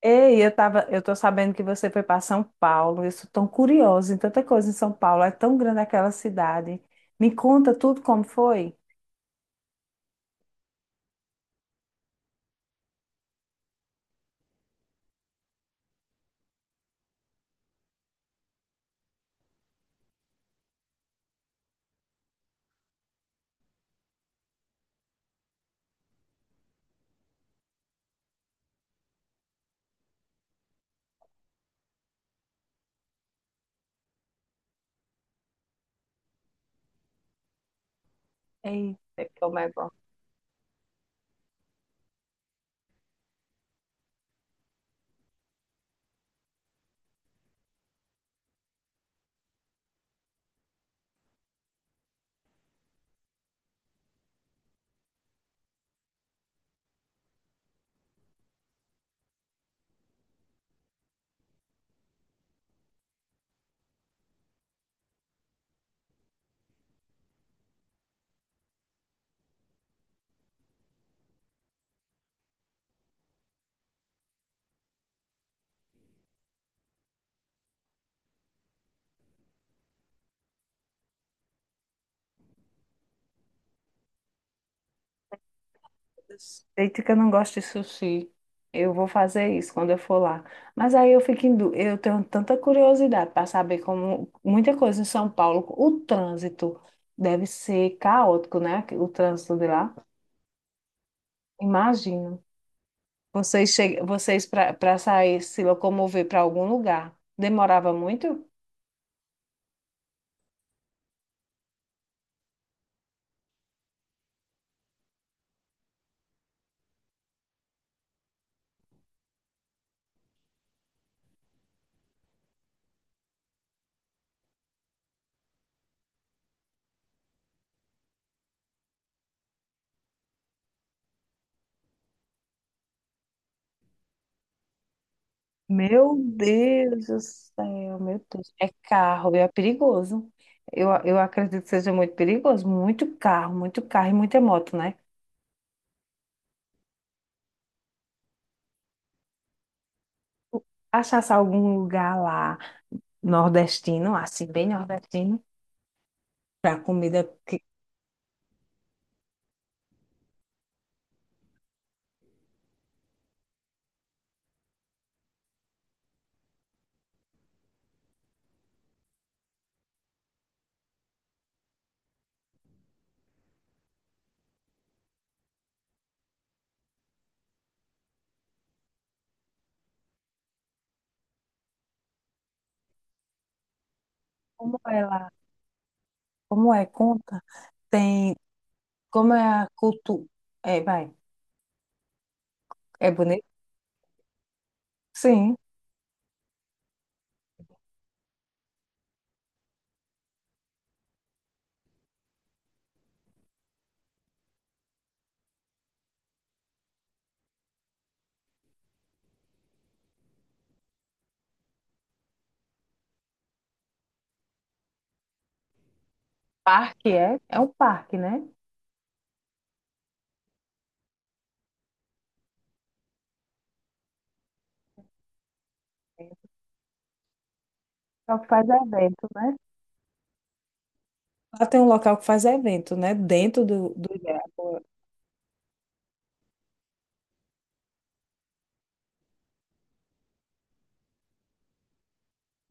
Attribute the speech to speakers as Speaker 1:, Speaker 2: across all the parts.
Speaker 1: Ei, eu tô sabendo que você foi para São Paulo. Eu sou tão curiosa em tanta coisa em São Paulo. É tão grande aquela cidade. Me conta tudo como foi. Eita, como é bom. Eita, que eu não gosto de sushi. Eu vou fazer isso quando eu for lá. Mas aí eu fico em dú- eu tenho tanta curiosidade para saber como muita coisa em São Paulo. O trânsito deve ser caótico, né? O trânsito de lá. Imagino. Vocês para sair, se locomover para algum lugar, demorava muito? Meu Deus do céu, meu Deus. É carro, é perigoso. Eu acredito que seja muito perigoso. Muito carro e muita moto, né? Achasse algum lugar lá nordestino, assim, bem nordestino, para comida. Como é lá? Como é? Conta. Tem. Como é a cultura? É, vai. É bonito? Sim. Parque é? É um parque, né? Só que faz evento, né? Lá tem um local que faz evento, né? Dentro do IDEA. O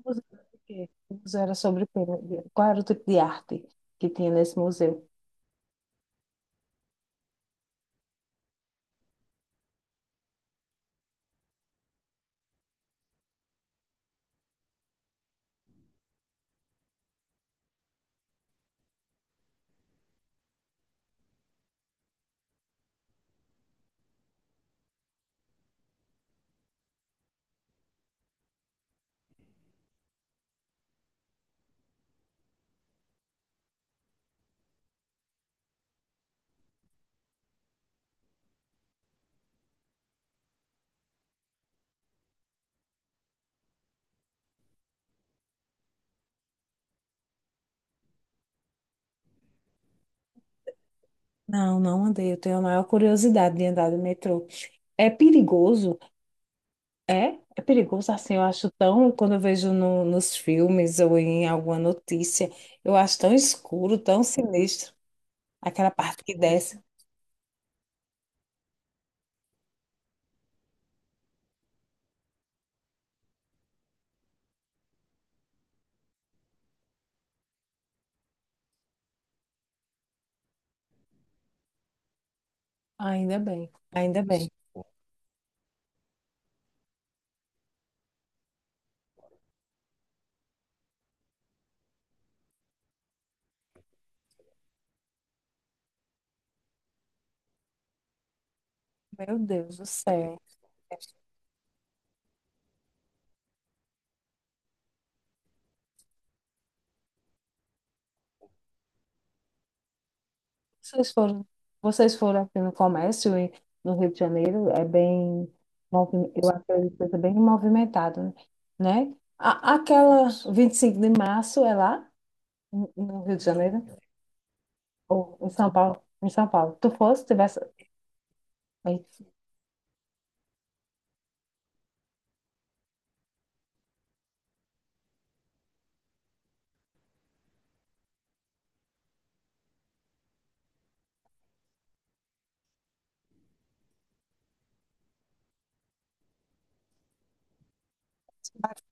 Speaker 1: museu era sobre o quê? O museu era sobre o quê? Qual era o tipo de arte que tinha nesse museu? Não, não andei. Eu tenho a maior curiosidade de andar de metrô. É perigoso? É? É perigoso assim, eu acho tão, quando eu vejo nos filmes ou em alguma notícia, eu acho tão escuro, tão sinistro, aquela parte que desce. Ainda bem, ainda bem. Meu Deus do céu. Vocês foram, vocês foram aqui no comércio e no Rio de Janeiro, é bem, eu acredito que é bem movimentado, né? Aquela 25 de março é lá, no Rio de Janeiro, ou em São Paulo, em São Paulo. Tu fosse, tivesse, aí,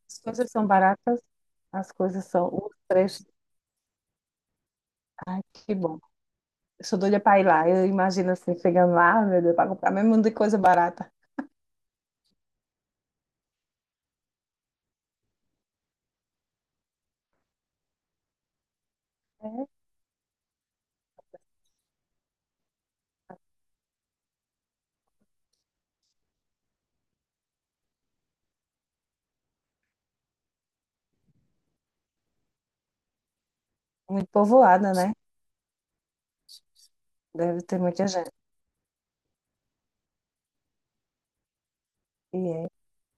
Speaker 1: as coisas são baratas, as coisas são, os preços, ai, que bom. Eu sou doida para ir lá, eu imagino assim, chegando lá, meu Deus, para comprar mesmo de coisa barata. É muito povoada, né? Deve ter muita gente. E é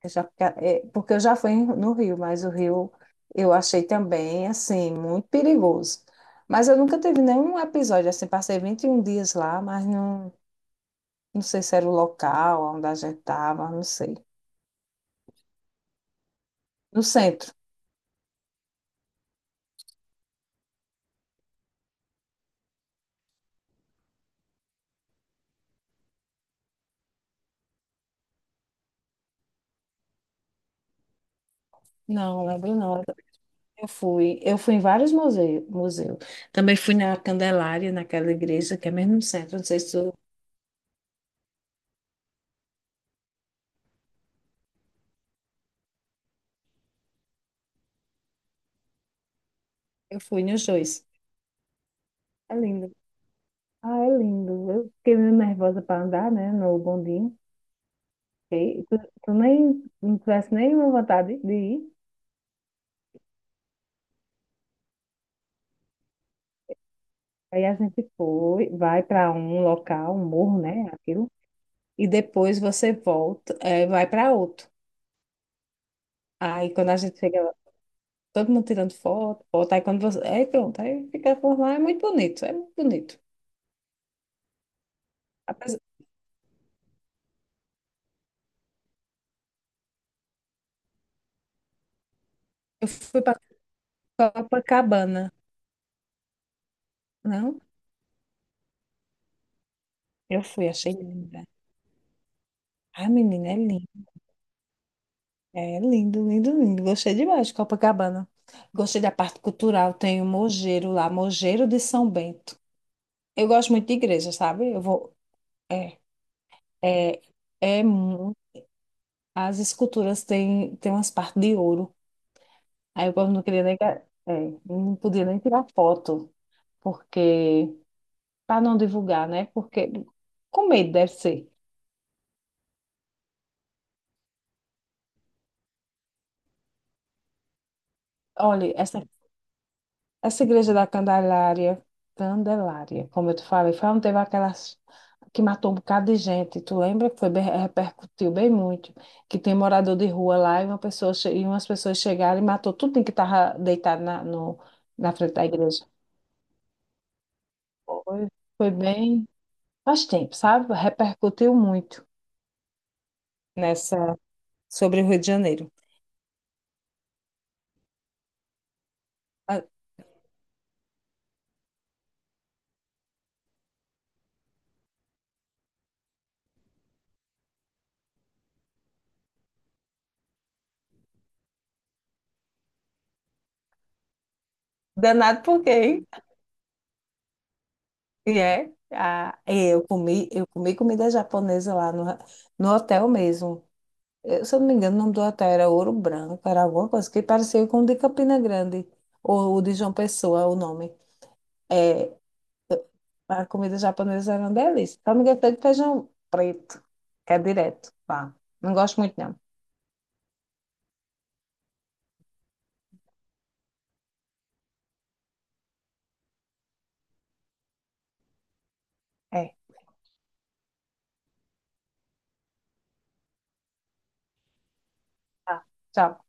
Speaker 1: Eu já- Porque eu já fui no Rio, mas o Rio eu achei também, assim, muito perigoso. Mas eu nunca tive nenhum episódio, assim, passei 21 dias lá, mas não, não sei se era o local onde a gente estava, não sei. No centro. Não, lembro não. Eu fui em vários museus, museu. Também fui na Candelária, naquela igreja que é mesmo no centro, não sei se tu- Eu fui nos dois. É lindo. Ah, é lindo. Eu fiquei meio nervosa para andar, né, no bondinho. Ok? Tu nem não tivesse nenhuma vontade de ir. Aí a gente foi, vai para um local, um morro, né? Aquilo. E depois você volta, é, vai para outro. Aí quando a gente chega lá, todo mundo tirando foto, foto. Aí quando você. Aí pronto, aí fica por lá, é muito bonito, é muito bonito. Apesar- Eu fui para Copacabana, não? Eu fui, achei linda. Ai, menina, é lindo. É lindo, lindo, lindo. Gostei demais de Copacabana. Gostei da parte cultural, tem o Mogeiro lá, Mogeiro de São Bento. Eu gosto muito de igreja, sabe? Eu vou. É, é, é muito. As esculturas têm umas partes de ouro. Aí eu não queria nem. É, não podia nem tirar foto, porque. Para não divulgar, né? Porque. Com medo, deve ser. Olha, essa igreja da Candelária, Candelária, como eu te falei, foi onde teve aquelas que matou um bocado de gente. Tu lembra que foi repercutiu bem muito, que tem morador de rua lá e e umas pessoas chegaram e matou tudo que estava deitado na, no- na frente da igreja. Foi, foi bem, faz tempo, sabe? Repercutiu muito nessa sobre o Rio de Janeiro. Ah, danado por quê, hein? Eu comi comida japonesa lá no hotel mesmo. Eu, se eu não me engano, o nome do hotel era Ouro Branco, era alguma coisa que parecia com o de Campina Grande, ou o de João Pessoa, o nome. É, a comida japonesa era uma delícia. Só não gostei de feijão preto, que é direto. Pá. Não gosto muito, não. É. Tá. Tchau.